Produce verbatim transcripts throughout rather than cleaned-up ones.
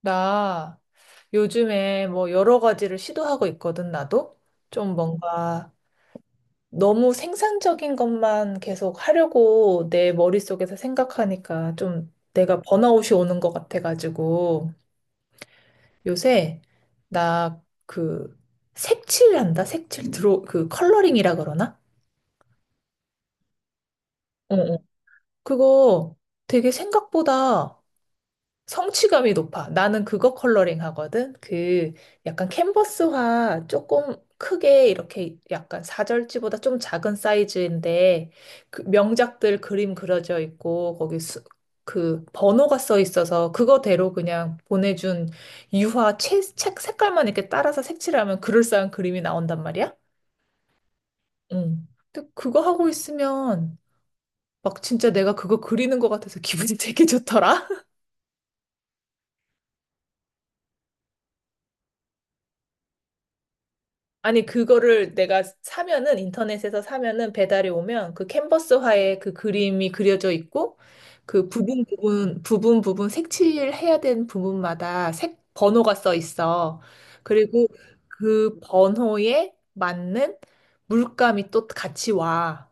나 요즘에 뭐 여러 가지를 시도하고 있거든, 나도. 좀 뭔가 너무 생산적인 것만 계속 하려고 내 머릿속에서 생각하니까 좀 내가 번아웃이 오는 것 같아가지고 요새 나 그 색칠한다? 색칠 드로 그 컬러링이라 그러나? 어, 어. 그거 되게 생각보다 성취감이 높아. 나는 그거 컬러링 하거든. 그 약간 캔버스화 조금 크게 이렇게 약간 사절지보다 좀 작은 사이즈인데 그 명작들 그림 그려져 있고 거기 수, 그 번호가 써 있어서 그거대로 그냥 보내준 유화 채, 책 색깔만 이렇게 따라서 색칠하면 그럴싸한 그림이 나온단 말이야. 응. 근데 그거 하고 있으면 막 진짜 내가 그거 그리는 것 같아서 기분이 되게 좋더라. 아니, 그거를 내가 사면은, 인터넷에서 사면은 배달이 오면 그 캔버스화에 그 그림이 그려져 있고, 그 부분 부분, 부분 부분 색칠해야 되는 부분마다 색, 번호가 써 있어. 그리고 그 번호에 맞는 물감이 또 같이 와.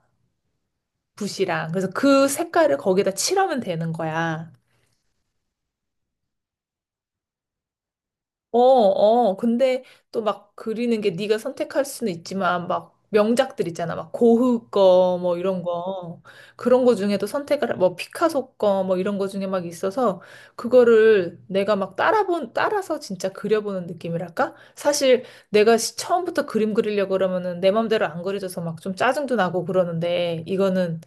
붓이랑. 그래서 그 색깔을 거기다 칠하면 되는 거야. 어, 어. 근데 또 막 그리는 게 네가 선택할 수는 있지만 막 명작들 있잖아. 막 고흐 거 뭐 이런 거. 그런 거 중에도 선택을 뭐 피카소 거 뭐 이런 거 중에 막 있어서 그거를 내가 막 따라본 따라서 진짜 그려보는 느낌이랄까? 사실 내가 시- 처음부터 그림 그리려고 그러면은 내 맘대로 안 그려져서 막 좀 짜증도 나고 그러는데 이거는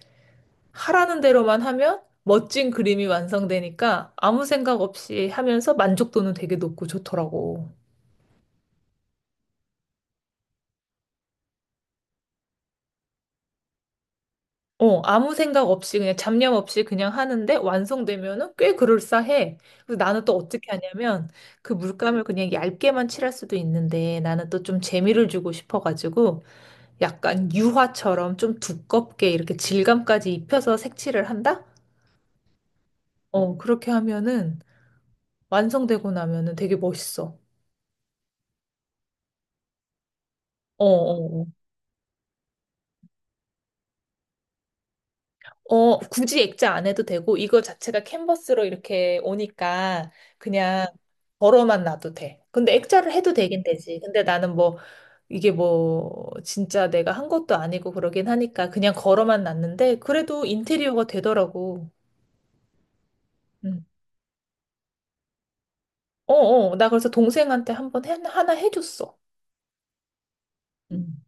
하라는 대로만 하면 멋진 그림이 완성되니까 아무 생각 없이 하면서 만족도는 되게 높고 좋더라고. 어, 아무 생각 없이 그냥 잡념 없이 그냥 하는데 완성되면은 꽤 그럴싸해. 그래서 나는 또 어떻게 하냐면 그 물감을 그냥 얇게만 칠할 수도 있는데 나는 또 좀 재미를 주고 싶어가지고 약간 유화처럼 좀 두껍게 이렇게 질감까지 입혀서 색칠을 한다? 어, 그렇게 하면은 완성되고 나면은 되게 멋있어. 어, 어, 어. 어, 굳이 액자 안 해도 되고, 이거 자체가 캔버스로 이렇게 오니까 그냥 걸어만 놔도 돼. 근데 액자를 해도 되긴 되지. 근데 나는 뭐, 이게 뭐, 진짜 내가 한 것도 아니고 그러긴 하니까 그냥 걸어만 놨는데, 그래도 인테리어가 되더라고. 응. 어, 어. 나 그래서 동생한테 한번 해- 하나 해줬어. 음.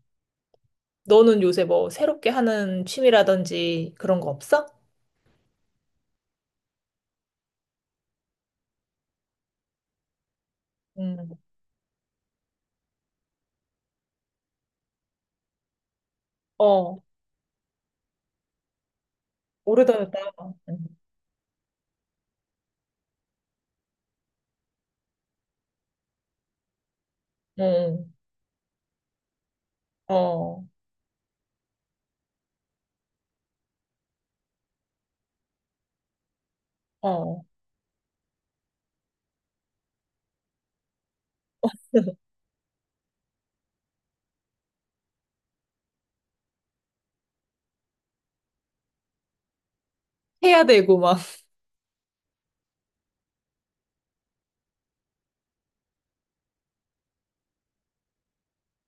너는 요새 뭐, 새롭게 하는 취미라든지 그런 거 없어? 응. 어, 오래다녔다. 응. 응. 어, 어. 해야 되고 막.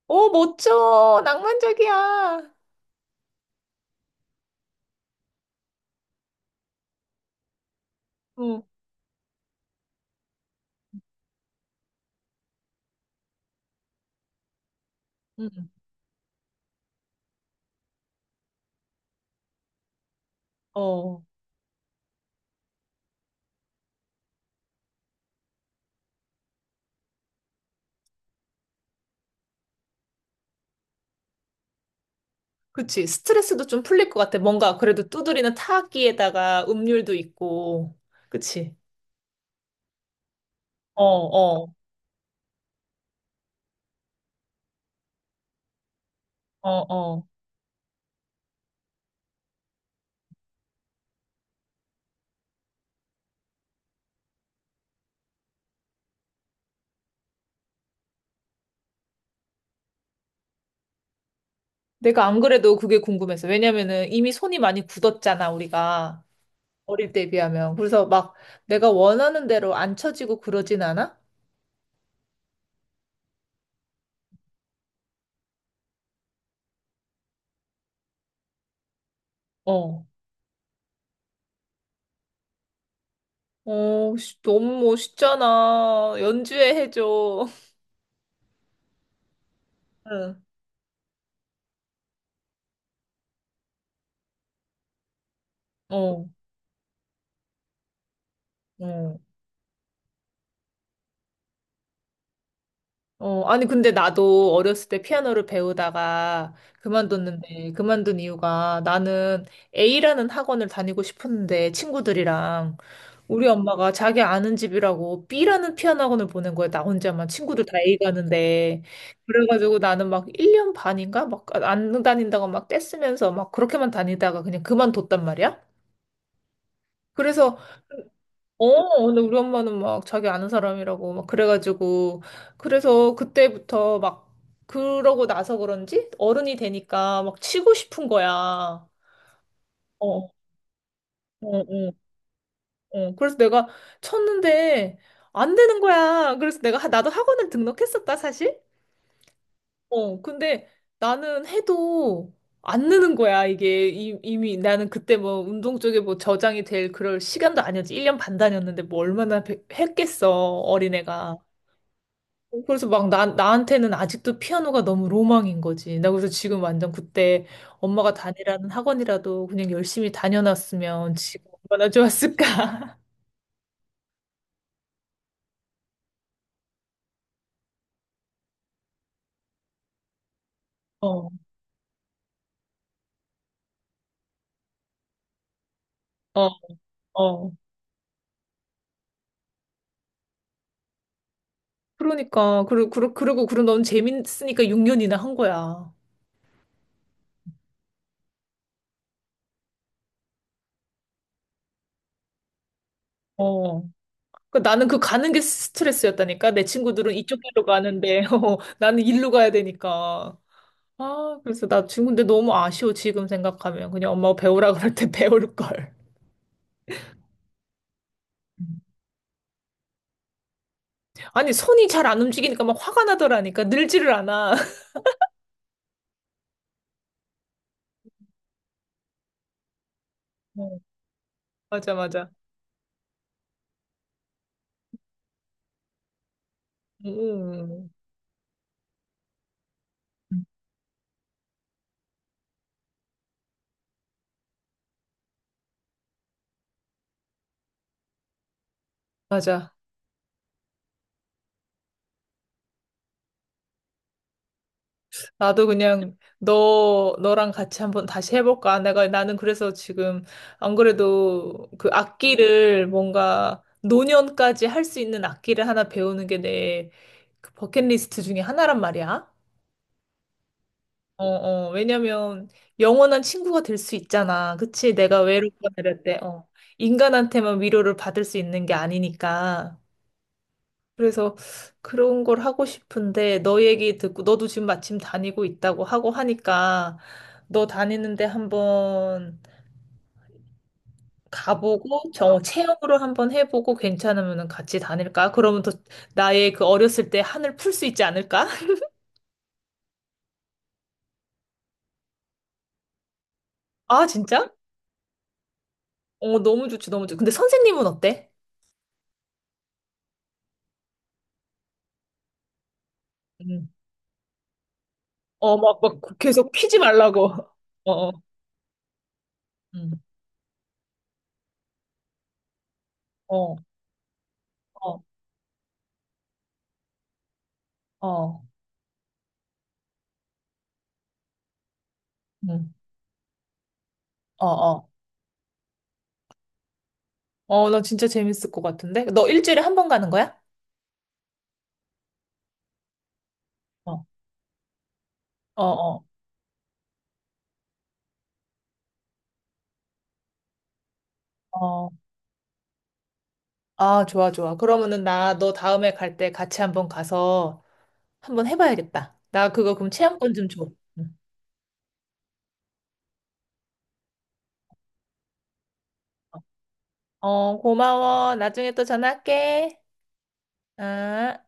오 멋져. 낭만적이야. 어, 음. 어. 그치. 스트레스도 좀 풀릴 것 같아. 뭔가 그래도 두드리는 타악기에다가 음률도 있고. 그치. 어, 어, 어, 어. 내가 안 그래도 그게 궁금해서. 왜냐면은 이미 손이 많이 굳었잖아, 우리가. 어릴 때에 비하면. 그래서 막 내가 원하는 대로 안 쳐지고 그러진 않아? 어. 어, 씨, 너무 멋있잖아. 연주해 해줘. 응. 어, 어. 어, 아니, 근데 나도 어렸을 때 피아노를 배우다가 그만뒀는데, 그만둔 이유가 나는 A라는 학원을 다니고 싶었는데, 친구들이랑. 우리 엄마가 자기 아는 집이라고 B라는 피아노 학원을 보낸 거야. 나 혼자만 친구들 다 A 가는데. 그래가지고 나는 막 일 년 반인가? 막 안 다닌다고 막 떼쓰면서 막 그렇게만 다니다가 그냥 그만뒀단 말이야. 그래서 어, 근데 우리 엄마는 막 자기 아는 사람이라고 막 그래가지고 그래서 그때부터 막 그러고 나서 그런지 어른이 되니까 막 치고 싶은 거야. 어, 어, 어, 어. 그래서 내가 쳤는데 안 되는 거야. 그래서 내가 하- 나도 학원을 등록했었다, 사실. 어, 근데 나는 해도 안 느는 거야, 이게. 이- 이미 나는 그때 뭐 운동 쪽에 뭐 저장이 될 그럴 시간도 아니었지. 일 년 반 다녔는데 뭐 얼마나 배- 했겠어, 어린애가. 그래서 막 나, 나한테는 아직도 피아노가 너무 로망인 거지. 나 그래서 지금 완전 그때 엄마가 다니라는 학원이라도 그냥 열심히 다녀놨으면 지금 얼마나 좋았을까. 어, 어, 어. 그러니까. 그리고, 그리고, 그리고, 그리고 넌 재밌으니까 육 년이나 한 거야. 어. 그러니까 나는 그 가는 게 스트레스였다니까. 내 친구들은 이쪽 길로 가는데, 어, 나는 일로 가야 되니까. 아, 그래서 나 지금 근데 너무 아쉬워, 지금 생각하면. 그냥 엄마가 배우라 그럴 때 배울 걸. 아니, 손이 잘 안 움직이니까 막 화가 나더라니까. 늘지를 않아. 어. 맞아, 맞아. 음, 음. 맞아. 나도 그냥 너, 너랑 같이 한번 다시 해볼까? 내가, 나는 그래서 지금 안 그래도 그 악기를 뭔가 노년까지 할 수 있는 악기를 하나 배우는 게 내 그 버킷리스트 중에 하나란 말이야. 어, 어, 왜냐면 영원한 친구가 될 수 있잖아. 그치? 내가 외롭거나 이럴 때, 어. 인간한테만 위로를 받을 수 있는 게 아니니까. 그래서 그런 걸 하고 싶은데 너 얘기 듣고 너도 지금 마침 다니고 있다고 하고 하니까 너 다니는데 한번 가보고 저 체험으로 한번 해보고 괜찮으면 같이 다닐까? 그러면 또 나의 그 어렸을 때 한을 풀 수 있지 않을까? 아 진짜? 어 너무 좋지 너무 좋지. 근데 선생님은 어때? 음. 어막 막막 계속 피지 말라고. 어. 어. 음. 어. 어. 어. 음. 어. 어. 어, 나 진짜 재밌을 것 같은데? 너 일주일에 한 번 가는 거야? 어. 어, 어, 어. 아, 좋아, 좋아. 그러면은 나 너 다음에 갈 때 같이 한번 가서 한번 해봐야겠다. 나 그거 그럼 체험권 좀 줘. 응. 어, 고마워. 나중에 또 전화할게. 아.